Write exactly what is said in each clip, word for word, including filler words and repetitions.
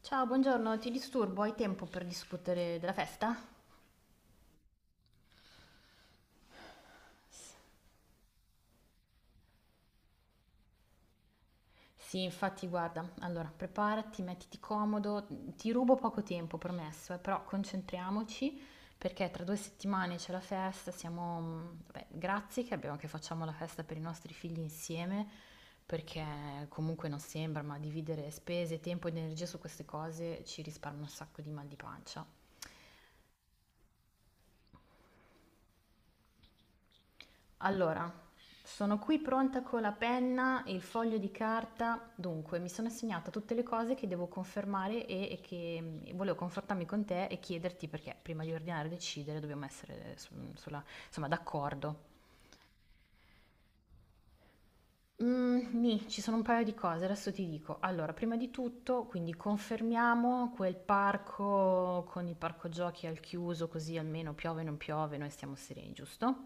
Ciao, buongiorno, ti disturbo? Hai tempo per discutere della festa? Sì, infatti, guarda, allora preparati, mettiti comodo, ti rubo poco tempo, promesso, eh, però concentriamoci perché tra due settimane c'è la festa, siamo, mh, vabbè, grazie che abbiamo, che facciamo la festa per i nostri figli insieme, perché comunque non sembra, ma dividere spese, tempo ed energia su queste cose ci risparmia un sacco di mal di pancia. Allora, sono qui pronta con la penna e il foglio di carta. Dunque, mi sono assegnata tutte le cose che devo confermare e, e che mm, volevo confrontarmi con te e chiederti perché prima di ordinare e decidere dobbiamo essere eh, su- sulla- insomma, d'accordo. Mm, nì, ci sono un paio di cose, adesso ti dico. Allora, prima di tutto, quindi confermiamo quel parco con il parco giochi al chiuso, così almeno piove, non piove, noi stiamo sereni, giusto?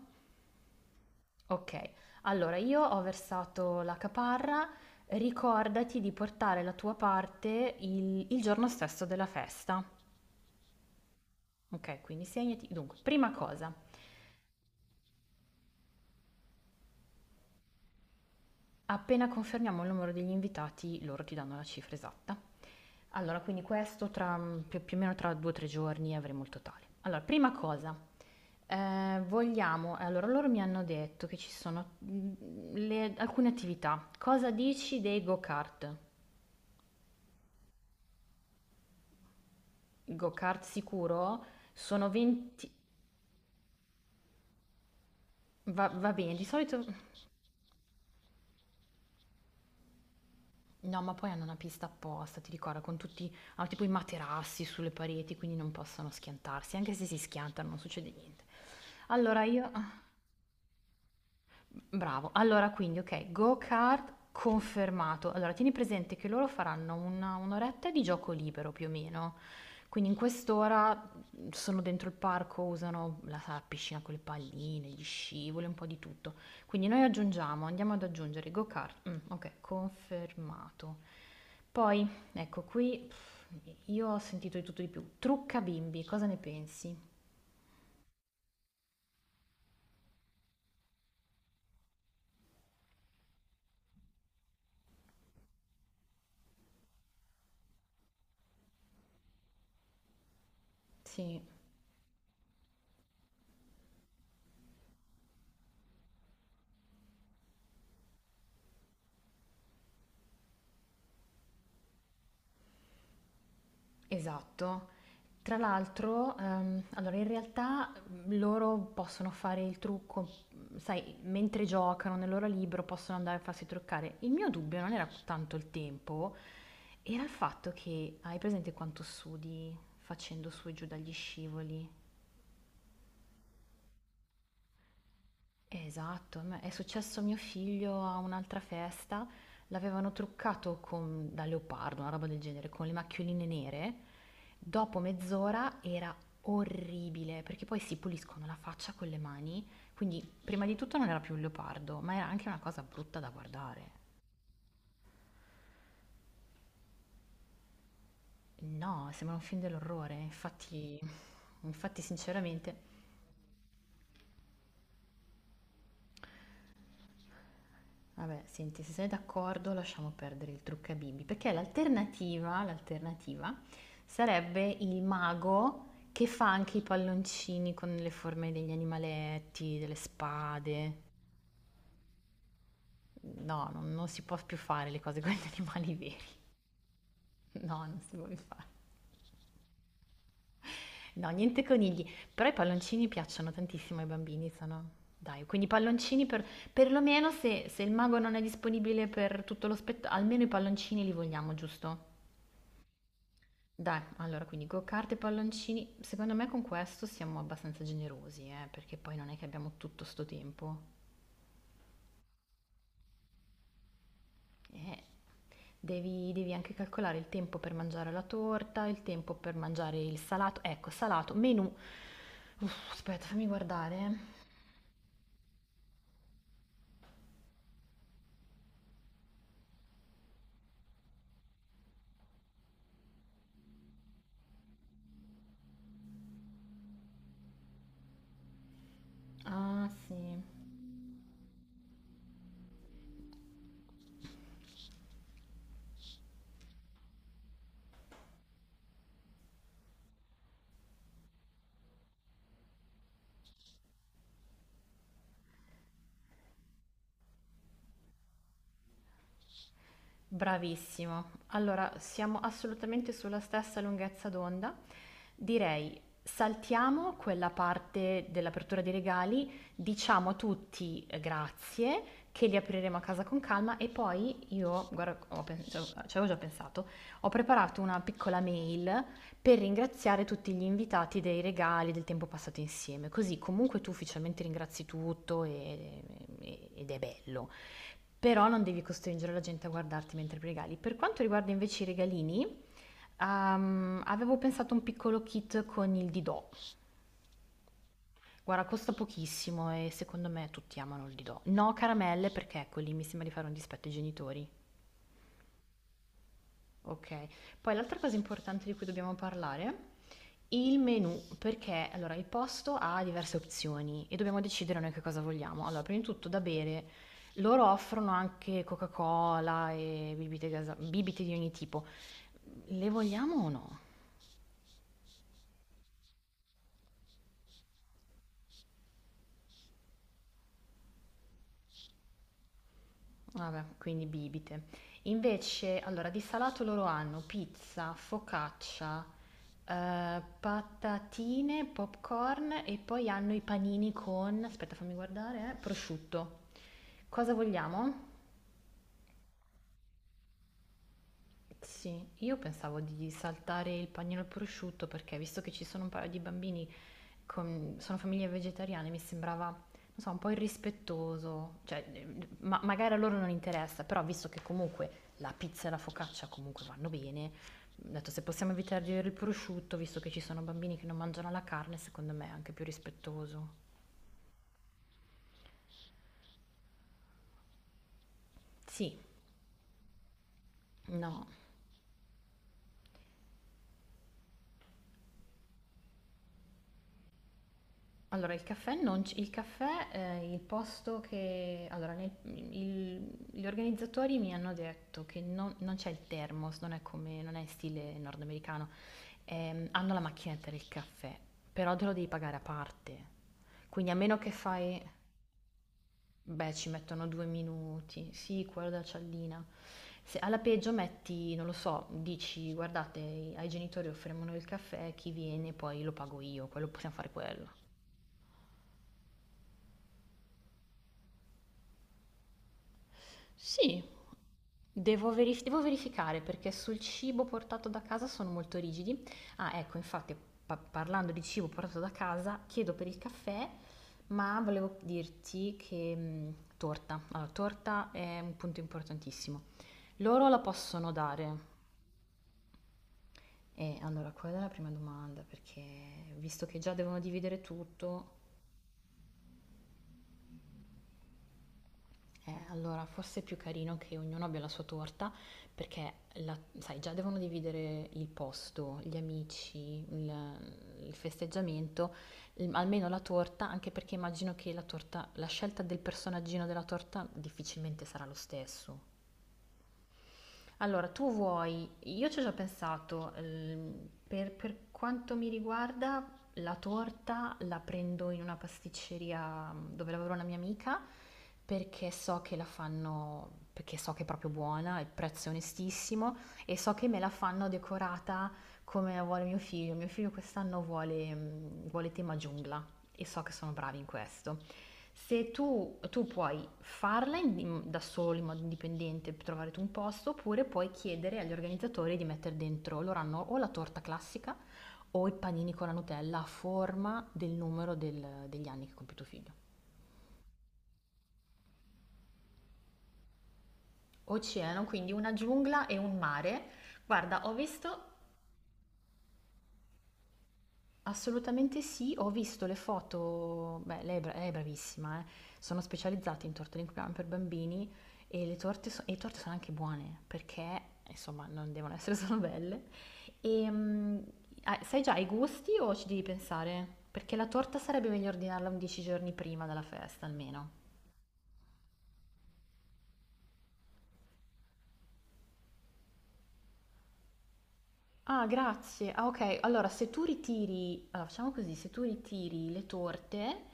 Okay, allora io ho versato la caparra, ricordati di portare la tua parte il il giorno stesso della festa. Okay, quindi segnati dunque, prima cosa, appena confermiamo il numero degli invitati, loro ti danno la cifra esatta. Allora, quindi questo tra, mhmm, più più o meno tra due, tre giorni avremo il totale. Allora, prima cosa, ehm, vogliamo eh, allora loro mi hanno detto che ci sono, mhmm, le alcune attività. Cosa dici dei go-kart? Go-kart sicuro? Sono venti. Va, va bene, di solito. No, ma poi hanno una pista apposta, ti ricordo, con tutti. Hanno tipo i materassi sulle pareti, quindi non possono schiantarsi. Anche se si schiantano non succede niente. Allora io. Bravo. Allora quindi, okay, go-kart confermato. Allora tieni presente che loro faranno una un' oretta di gioco libero più o meno. Quindi in quest'ora mm, sono dentro il parco, usano la sala piscina con le palline, gli scivoli, un po' di tutto. Quindi noi aggiungiamo, andiamo ad aggiungere go-kart. Mm, ok, confermato. Poi, ecco qui, pff, io ho sentito di tutto e di più. Trucca bimbi, cosa ne pensi? Sì. Esatto. Tra l'altro, ehm, allora in realtà mh, loro possono fare il trucco, mh, sai, mentre giocano nel loro libro possono andare a farsi truccare. Il mio dubbio non era tanto il tempo, era il fatto che hai presente quanto sudi facendo su e giù dagli scivoli? Esatto, a me è successo a mio figlio a un'altra festa, l'avevano truccato con- da leopardo, una roba del genere, con le macchioline nere. Dopo mezz'ora era orribile, perché poi si puliscono la faccia con le mani, quindi prima di tutto non era più un leopardo, ma era anche una cosa brutta da guardare. No, sembra un film dell'orrore, infatti. Infatti sinceramente. Vabbè, senti, se sei d'accordo lasciamo perdere il trucca bimbi, perché l'alternativa, l'alternativa sarebbe il mago che fa anche i palloncini con le forme degli animaletti, delle spade. No, non, non si può più fare le cose con gli animali veri. No, non si può più fare. No, niente conigli. Però i palloncini piacciono tantissimo ai bambini, sono. Dai, quindi i palloncini per, perlomeno se, se il mago non è disponibile per tutto lo spettacolo, almeno i palloncini li vogliamo, giusto? Dai, allora quindi go-kart e palloncini. Secondo me con questo siamo abbastanza generosi, eh, perché poi non è che abbiamo tutto sto tempo. Eh, devi, devi anche calcolare il tempo per mangiare la torta, il tempo per mangiare il salato. Ecco, salato, menù. Uff, aspetta, fammi guardare. Ah, sì. Bravissimo. Allora, siamo assolutamente sulla stessa lunghezza d'onda. Direi, saltiamo quella parte dell'apertura dei regali, diciamo a tutti eh, grazie, che li apriremo a casa con calma e poi io, guarda, ho pen- ci avevo ci avevo già pensato, ho preparato una piccola mail per ringraziare tutti gli invitati dei regali, del tempo passato insieme, così comunque tu ufficialmente ringrazi tutto e- e- ed è bello. Però non devi costringere la gente a guardarti mentre regali. Per quanto riguarda invece i regalini, ehm, avevo pensato a un piccolo kit con il Didò. Guarda, costa pochissimo e secondo me tutti amano il Didò. No caramelle perché ecco lì mi sembra di fare un dispetto ai genitori. Ok. Poi l'altra cosa importante di cui dobbiamo parlare, il menù, perché allora il posto ha diverse opzioni e dobbiamo decidere noi che cosa vogliamo. Allora, prima di tutto da bere, loro offrono anche Coca-Cola e bibite gasa- bibite di ogni tipo. Le vogliamo o no? Vabbè, quindi bibite. Invece, allora, di salato loro hanno pizza, focaccia, eh, patatine, popcorn e poi hanno i panini con, aspetta fammi guardare, eh, prosciutto. Cosa vogliamo? Sì, io pensavo di saltare il panino al prosciutto perché visto che ci sono un paio di bambini con- sono famiglie vegetariane, mi sembrava, non so, un po' irrispettoso, cioè, eh, ma- magari a loro non interessa, però visto che comunque la pizza e la focaccia comunque vanno bene, ho detto se possiamo evitare di avere il prosciutto, visto che ci sono bambini che non mangiano la carne, secondo me è anche più rispettoso. Sì, no. Allora, il caffè non c il caffè, ehm, il posto che allora nel il gli organizzatori mi hanno detto che non non c'è il thermos, non è come non è in stile nordamericano. Ehm, hanno la macchinetta del caffè, però te lo devi pagare a parte. Quindi a meno che fai, beh, ci mettono due minuti. Sì, quello della cialdina. Se alla peggio metti, non lo so, dici: "Guardate, ai genitori offriamo noi il caffè, chi viene poi lo pago io", quello possiamo fare quello. Sì, devo verif- devo verificare perché sul cibo portato da casa sono molto rigidi. Ah, ecco, infatti, pa- parlando di cibo portato da casa, chiedo per il caffè, ma volevo dirti che mh, torta. Allora, torta è un punto importantissimo. Loro la possono dare. E allora, quella è la prima domanda, perché visto che già devono dividere tutto. Eh, allora, forse è più carino che ognuno abbia la sua torta, perché la- sai, già devono dividere il posto, gli amici, il, il festeggiamento, il- almeno la torta, anche perché immagino che la torta, la scelta del personaggino della torta difficilmente sarà lo stesso. Allora, tu vuoi, io ci ho già pensato, ehm, per, per quanto mi riguarda, la torta la prendo in una pasticceria mm, dove lavora una mia amica perché so che la fanno, perché so che è proprio buona, il prezzo è onestissimo e so che me la fanno decorata come la vuole mio figlio. Mio figlio quest'anno vuole, mm, vuole tema giungla e so che sono bravi in questo. Se tu, tu puoi farla in- da solo in modo indipendente, trovare tu un posto, oppure puoi chiedere agli organizzatori di mettere dentro, loro hanno o la torta classica o i panini con la Nutella a forma del numero del- degli anni che compie tuo figlio. Oceano, quindi una giungla e un mare. Guarda, ho visto. Assolutamente sì, ho visto le foto, beh, lei è, bra- è bravissima, eh. Sono specializzati in torte d'inquadrama per bambini e le torte, so- e le torte sono anche buone perché, insomma, non devono essere solo belle. E, mm, ah, sai già i gusti o ci devi pensare? Perché la torta sarebbe meglio ordinarla undici giorni prima della festa, almeno. Ah, grazie. Ah, ok. Allora, se tu ritiri, allora, facciamo così, se tu ritiri le torte,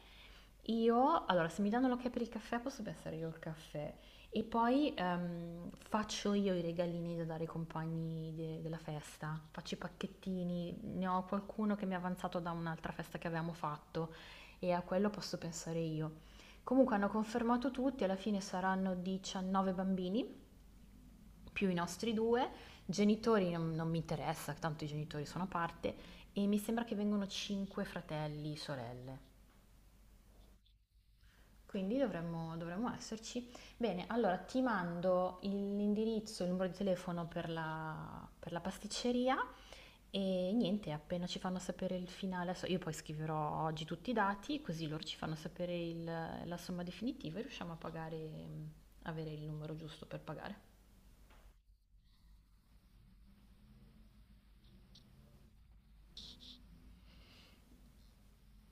io, allora, se mi danno l'ok per il caffè, posso pensare io al caffè. E poi ehm, faccio io i regalini da dare ai compagni de- della festa. Faccio i pacchettini. Ne ho qualcuno che mi è avanzato da un'altra festa che avevamo fatto e a quello posso pensare io. Comunque hanno confermato tutti, alla fine saranno diciannove bambini più i nostri due, genitori non, non mi interessa, tanto i genitori sono a parte, e mi sembra che vengono cinque fratelli, sorelle. Quindi dovremmo, dovremmo esserci. Bene, allora ti mando il- l'indirizzo, il numero di telefono per la, per la pasticceria e niente, appena ci fanno sapere il finale, adesso io poi scriverò oggi tutti i dati, così loro ci fanno sapere il- la somma definitiva e riusciamo a pagare, avere il numero giusto per pagare.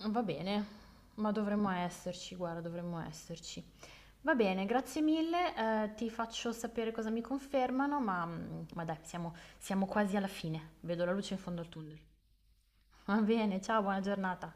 Va bene, ma dovremmo esserci, guarda, dovremmo esserci. Va bene, grazie mille, eh, ti faccio sapere cosa mi confermano, ma, mm, ma dai, siamo siamo quasi alla fine. Vedo la luce in fondo al tunnel. Va bene, ciao, buona giornata.